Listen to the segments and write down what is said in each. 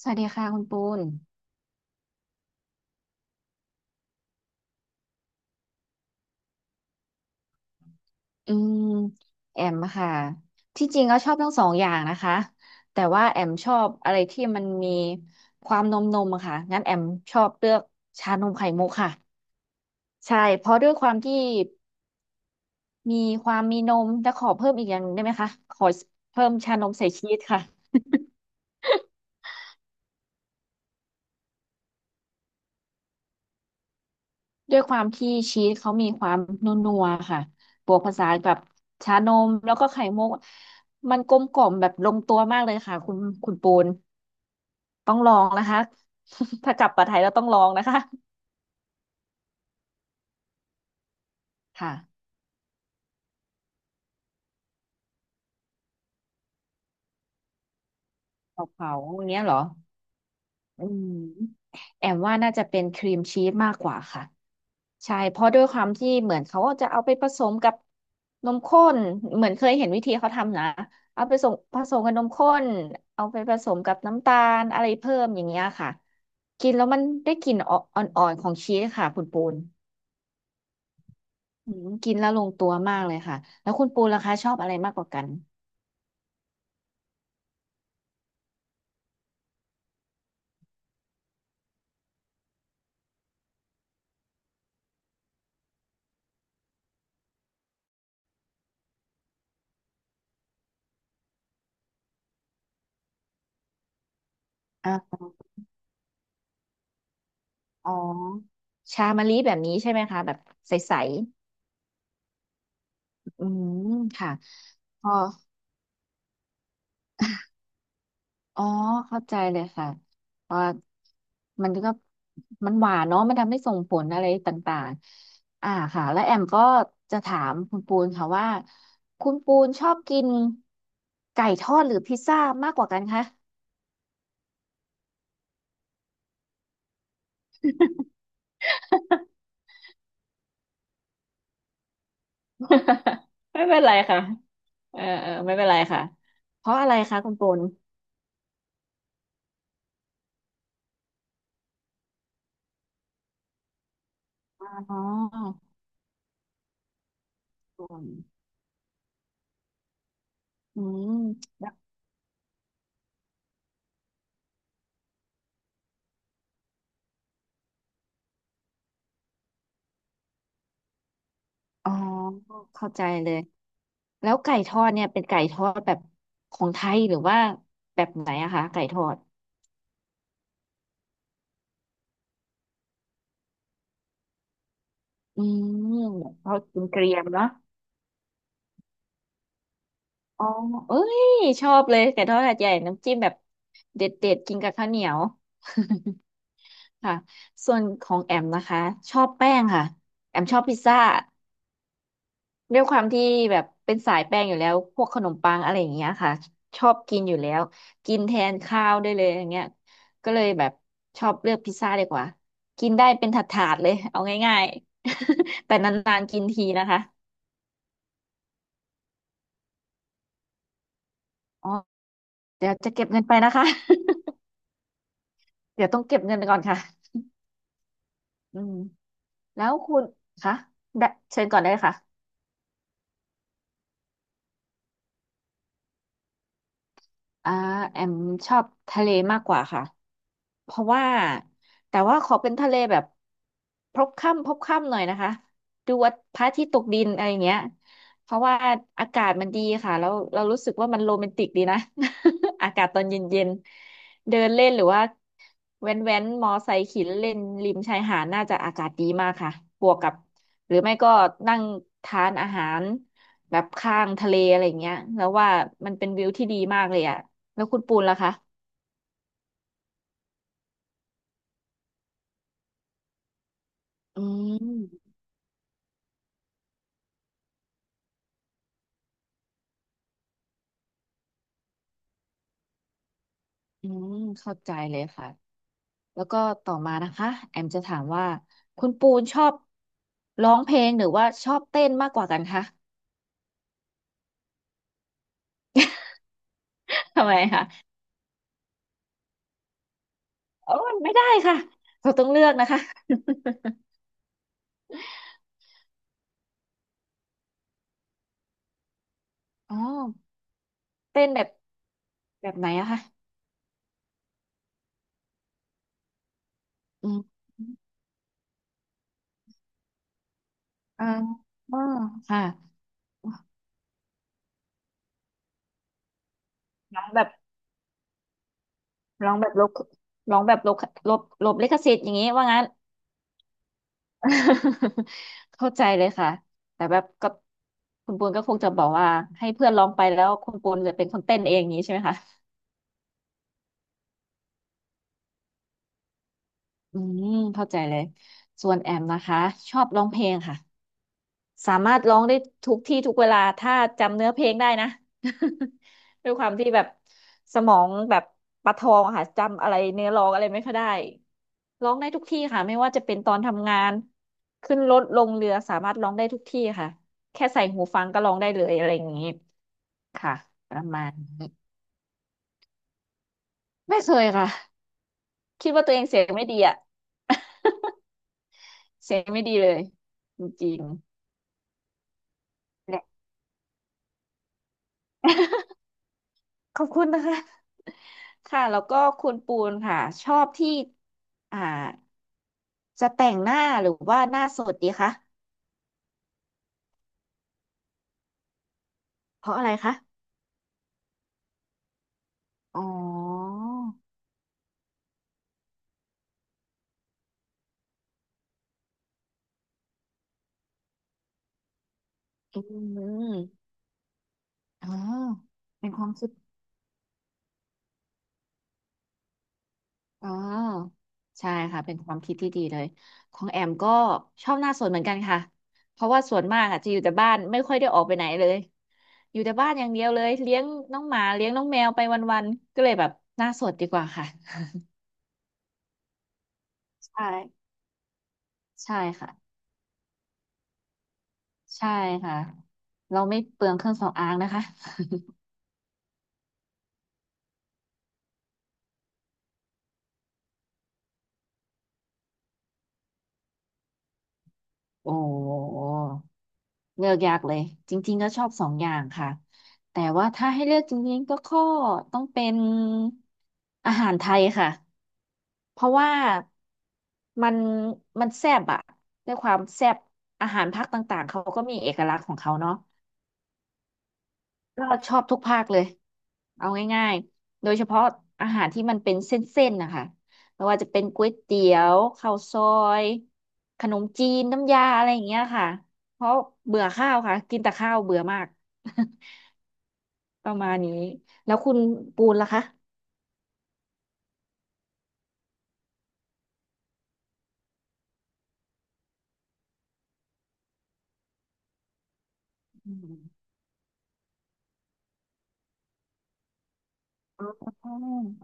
สวัสดีค่ะคุณปูนอืมแอมค่ะที่จริงก็ชอบทั้งสองอย่างนะคะแต่ว่าแอมชอบอะไรที่มันมีความนมอะค่ะงั้นแอมชอบเลือกชานมไข่มุกค่ะใช่เพราะด้วยความที่มีความมีนมแต่ขอเพิ่มอีกอย่างหนึ่งได้ไหมคะขอเพิ่มชานมใส่ชีสค่ะด้วยความที่ชีสเขามีความนัวๆค่ะบวกผสานกับชานมแล้วก็ไข่มุกมันกลมกล่อมแบบลงตัวมากเลยค่ะคุณปูน ต้องลองนะคะ ถ้ากลับมาไทยแล้วต้องลองนะคะค่ะเผาเผาอย่างเงี้ยเหรออืมแอมว่าน่าจะเป็นครีมชีสมากกว่าค่ะใช่เพราะด้วยความที่เหมือนเขาจะเอาไปผสมกับนมข้นเหมือนเคยเห็นวิธีเขาทำนะเอาไปส่งผสมกับนมข้นเอาไปผสมกับน้ำตาลอะไรเพิ่มอย่างเงี้ยค่ะกินแล้วมันได้กลิ่นอ่อนๆของชีสค่ะคุณปูนอืมกินแล้วลงตัวมากเลยค่ะแล้วคุณปูนล่ะคะชอบอะไรมากกว่ากัน อ๋อชามะลิแบบนี้ใช่ไหมคะแบบใสๆอืมค่ะพออ๋อเข้าใจเลยค่ะเพอมันก็มันหวานเนาะมันทำให้ส่งผลอะไรต่างๆอ่าค่ะแล้วแอมก็จะถามคุณปูนค่ะว่าคุณปูนชอบกินไก่ทอดหรือพิซซ่ามากกว่ากันคะ ไม่เป็นไรค่ะเออเออไม่เป็นไรค่ะเพราะอะไรคะคุณปูนอ๋ออืม อ๋อเข้าใจเลยแล้วไก่ทอดเนี่ยเป็นไก่ทอดแบบของไทยหรือว่าแบบไหนอะคะไก่ทอดอืมแบบทอดกินเกรียมๆเนาะอ๋อเอ้ยชอบเลยไก่ทอดหาดใหญ่น้ำจิ้มแบบเด็ดๆกินกับข้าวเหนียว ค่ะส่วนของแอมนะคะชอบแป้งค่ะแอมชอบพิซซ่า ด้วยความที่แบบเป็นสายแป้งอยู่แล้วพวกขนมปังอะไรอย่างเงี้ยค่ะชอบกินอยู่แล้วกินแทนข้าวได้เลยอย่างเงี้ยก็เลยแบบชอบเลือกพิซซ่าดีกว่ากินได้เป็นถาดๆเลยเอาง่ายๆ แต่นานๆกินทีนะคะอ๋อเดี๋ยวจะเก็บเงินไปนะคะ เดี๋ยวต้องเก็บเงินไปก่อนค่ะอืมแล้วคุณคะได้เชิญก่อนได้เลยค่ะ อ่าแอมชอบทะเลมากกว่าค่ะเพราะว่าแต่ว่าขอเป็นทะเลแบบพบค่ำหน่อยนะคะดูว่าพระอาทิตย์ตกดินอะไรอย่างเงี้ยเพราะว่าอากาศมันดีค่ะแล้วเรารู้สึกว่ามันโรแมนติกดีนะ อากาศตอนเย็นๆเดินเล่นหรือว่าแว้นมอไซค์ขี่เล่นริมชายหาดน่าจะอากาศดีมากค่ะบวกกับหรือไม่ก็นั่งทานอาหารแบบข้างทะเลอะไรอย่างเงี้ยแล้วว่ามันเป็นวิวที่ดีมากเลยอ่ะ แล้วคุณปูนล่ะคะอืมอืมเข้าใจเลยค่ะ แล้วก็ต่อมานะคะแอมจะถามว่าคุณปูนชอบร้องเพลงหรือว่าชอบเต้นมากกว่ากันคะ ทำไมคะโอ้ยไม่ได้ค่ะเราต้องเลือกนะคะ อ๋อเต้นแบบแบบไหนอะคะอืมอ่าอ๋อค่ะร้องแบบร้องแบบลบร้องแบบลบลบลิขสิทธิ์อย่างนี้ว่างั้น เข้าใจเลยค่ะแต่แบบก็คุณปูนก็คงจะบอกว่าให้เพื่อนร้องไปแล้วคุณปูนจะเป็นคนเต้นเองอย่างนี้ใช่ไหมคะอืมเข้าใจเลยส่วนแอมนะคะชอบร้องเพลงค่ะ สามารถร้องได้ทุกที่ทุกเวลาถ้าจำเนื้อเพลงได้นะ ด้วยความที่แบบสมองแบบประทองอะค่ะจำอะไรเนื้อร้องอะไรไม่ค่อยได้ร้องได้ทุกที่ค่ะไม่ว่าจะเป็นตอนทำงานขึ้นรถลงเรือสามารถร้องได้ทุกที่ค่ะแค่ใส่หูฟังก็ร้องได้เลยอะไรอย่างนี้ค่ะประมาณนี้ไม่เคยค่ะคิดว่าตัวเองเสียงไม่ดีอะ เสียงไม่ดีเลยจริงๆแหละ ขอบคุณนะคะ ค่ะแล้วก็คุณปูนค่ะชอบที่อ่าจะแต่งหน้าหรือว่าหน้าสดดีคะเพราะอะไรคะอ๋ออืมอ๋อเป็นความคิดอ๋อใช่ค่ะเป็นความคิดที่ดีเลยของแอมก็ชอบหน้าสดเหมือนกันค่ะเพราะว่าส่วนมากอะจะอยู่แต่บ้านไม่ค่อยได้ออกไปไหนเลยอยู่แต่บ้านอย่างเดียวเลยเลี้ยงน้องหมาเลี้ยงน้องแมวไปวันๆก็เลยแบบหน้าสดดีกว่าค่ะใช่ ใช่ค่ะใช่ค่ะเราไม่เปลืองเครื่องสำอางนะคะ โอ้เลือกยากเลยจริงๆก็ชอบสองอย่างค่ะแต่ว่าถ้าให้เลือกจริงๆก็ข้อต้องเป็นอาหารไทยค่ะเพราะว่ามันมันแซ่บอะด้วยความแซ่บอาหารภาคต่างๆเขาก็มีเอกลักษณ์ของเขาเนาะ ก็ชอบทุกภาคเลยเอาง่ายๆ โดยเฉพาะอาหารที่มันเป็นเส้นๆนะคะไม่ว่าจะเป็นก๋วยเตี๋ยวข้าวซอยขนมจีนน้ำยาอะไรอย่างเงี้ยค่ะ เพราะเบื่อข้าวค่ะกินแต่ข้าวเบื่อมาก ประมาณนี้แล้วคุณปูนล่ะคะอืมอ๋อ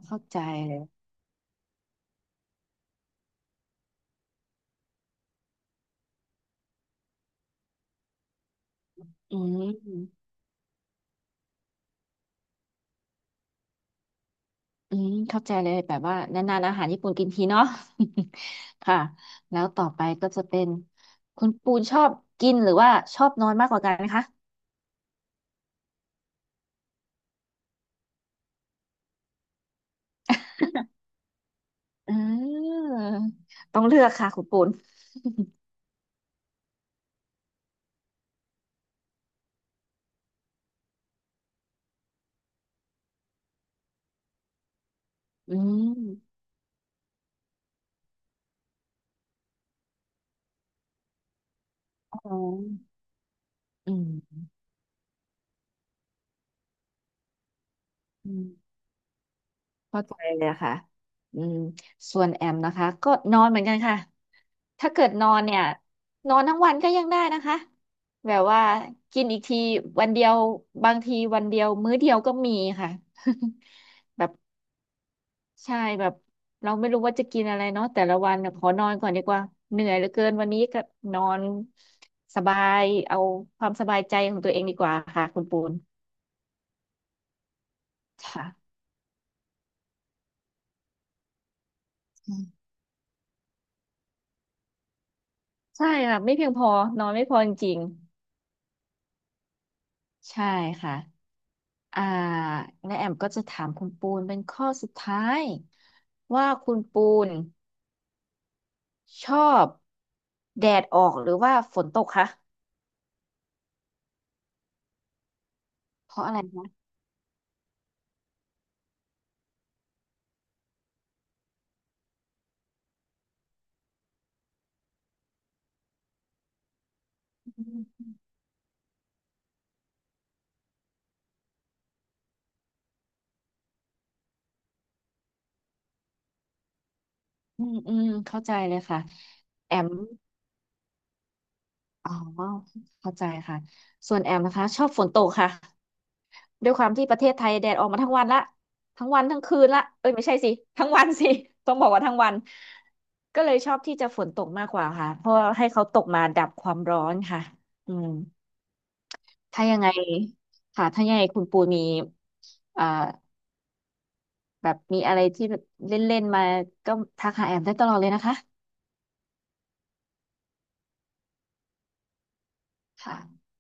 เข้าใจเลยอืม อืมเข้าใจเลยแบบว่านานๆอาหารญี่ปุ่นกินทีเนาะ ค่ะแล้วต่อไปก็จะเป็นคุณปูนชอบกินหรือว่าชอบนอนมากกว่ากันไหมคะอืมต้องเลือกค่ะคุณปูนอืมอ๋ออืม เข้าใจเลยอะค่ะอืมส่วนแอมนะคะก็นอนเหมือนกันค่ะ ถ้าเกิดนอนเนี่ยนอนทั้งวันก็ยังได้นะคะ แบบว่ากินอีกทีวันเดียวบางทีวันเดียวมื้อเดียวก็มีค่ะ แบบใช่แบบเราไม่รู้ว่าจะกินอะไรเนาะแต่ละวันน่ะขอนอนก่อนดีกว่าเหนื่อยเหลือเกินวันนี้ก็นอนสบายเอาความสบายใจของตัวเองดีกว่าค่ะคุณปูนค่ะใช่ค่ะไม่เพียงพอนอนไม่พอจริงๆใช่ค่ะ อ่าและแอมก็จะถามคุณปูนเป็นข้อสุดท้ายว่าคุณปูนชอบแดดออกหรือว่าฝนตกคะเพราะอะไรนะอืมอืมเข้าใจเลยค่ะแอมอ๋อเข้าใจค่ะส่วนแอมนะคะชอบฝนตกค่ะด้วยความที่ประเทศไทยแดดออกมาทั้งวันละทั้งวันทั้งคืนละเอ้ยไม่ใช่สิทั้งวันสิ ต้องบอกว่าทั้งวันก็เลยชอบที่จะฝนตกมากกว่าค่ะเพราะให้เขาตกมาดับความร้อนค่ะอืม ถ้ายังไงค่ะถ้ายังไงคุณปูมีอ่าแบบมีอะไรที่แบบเล่นๆมาก็ทักหาแอมได้ตลอดเลยนะคะค่ะ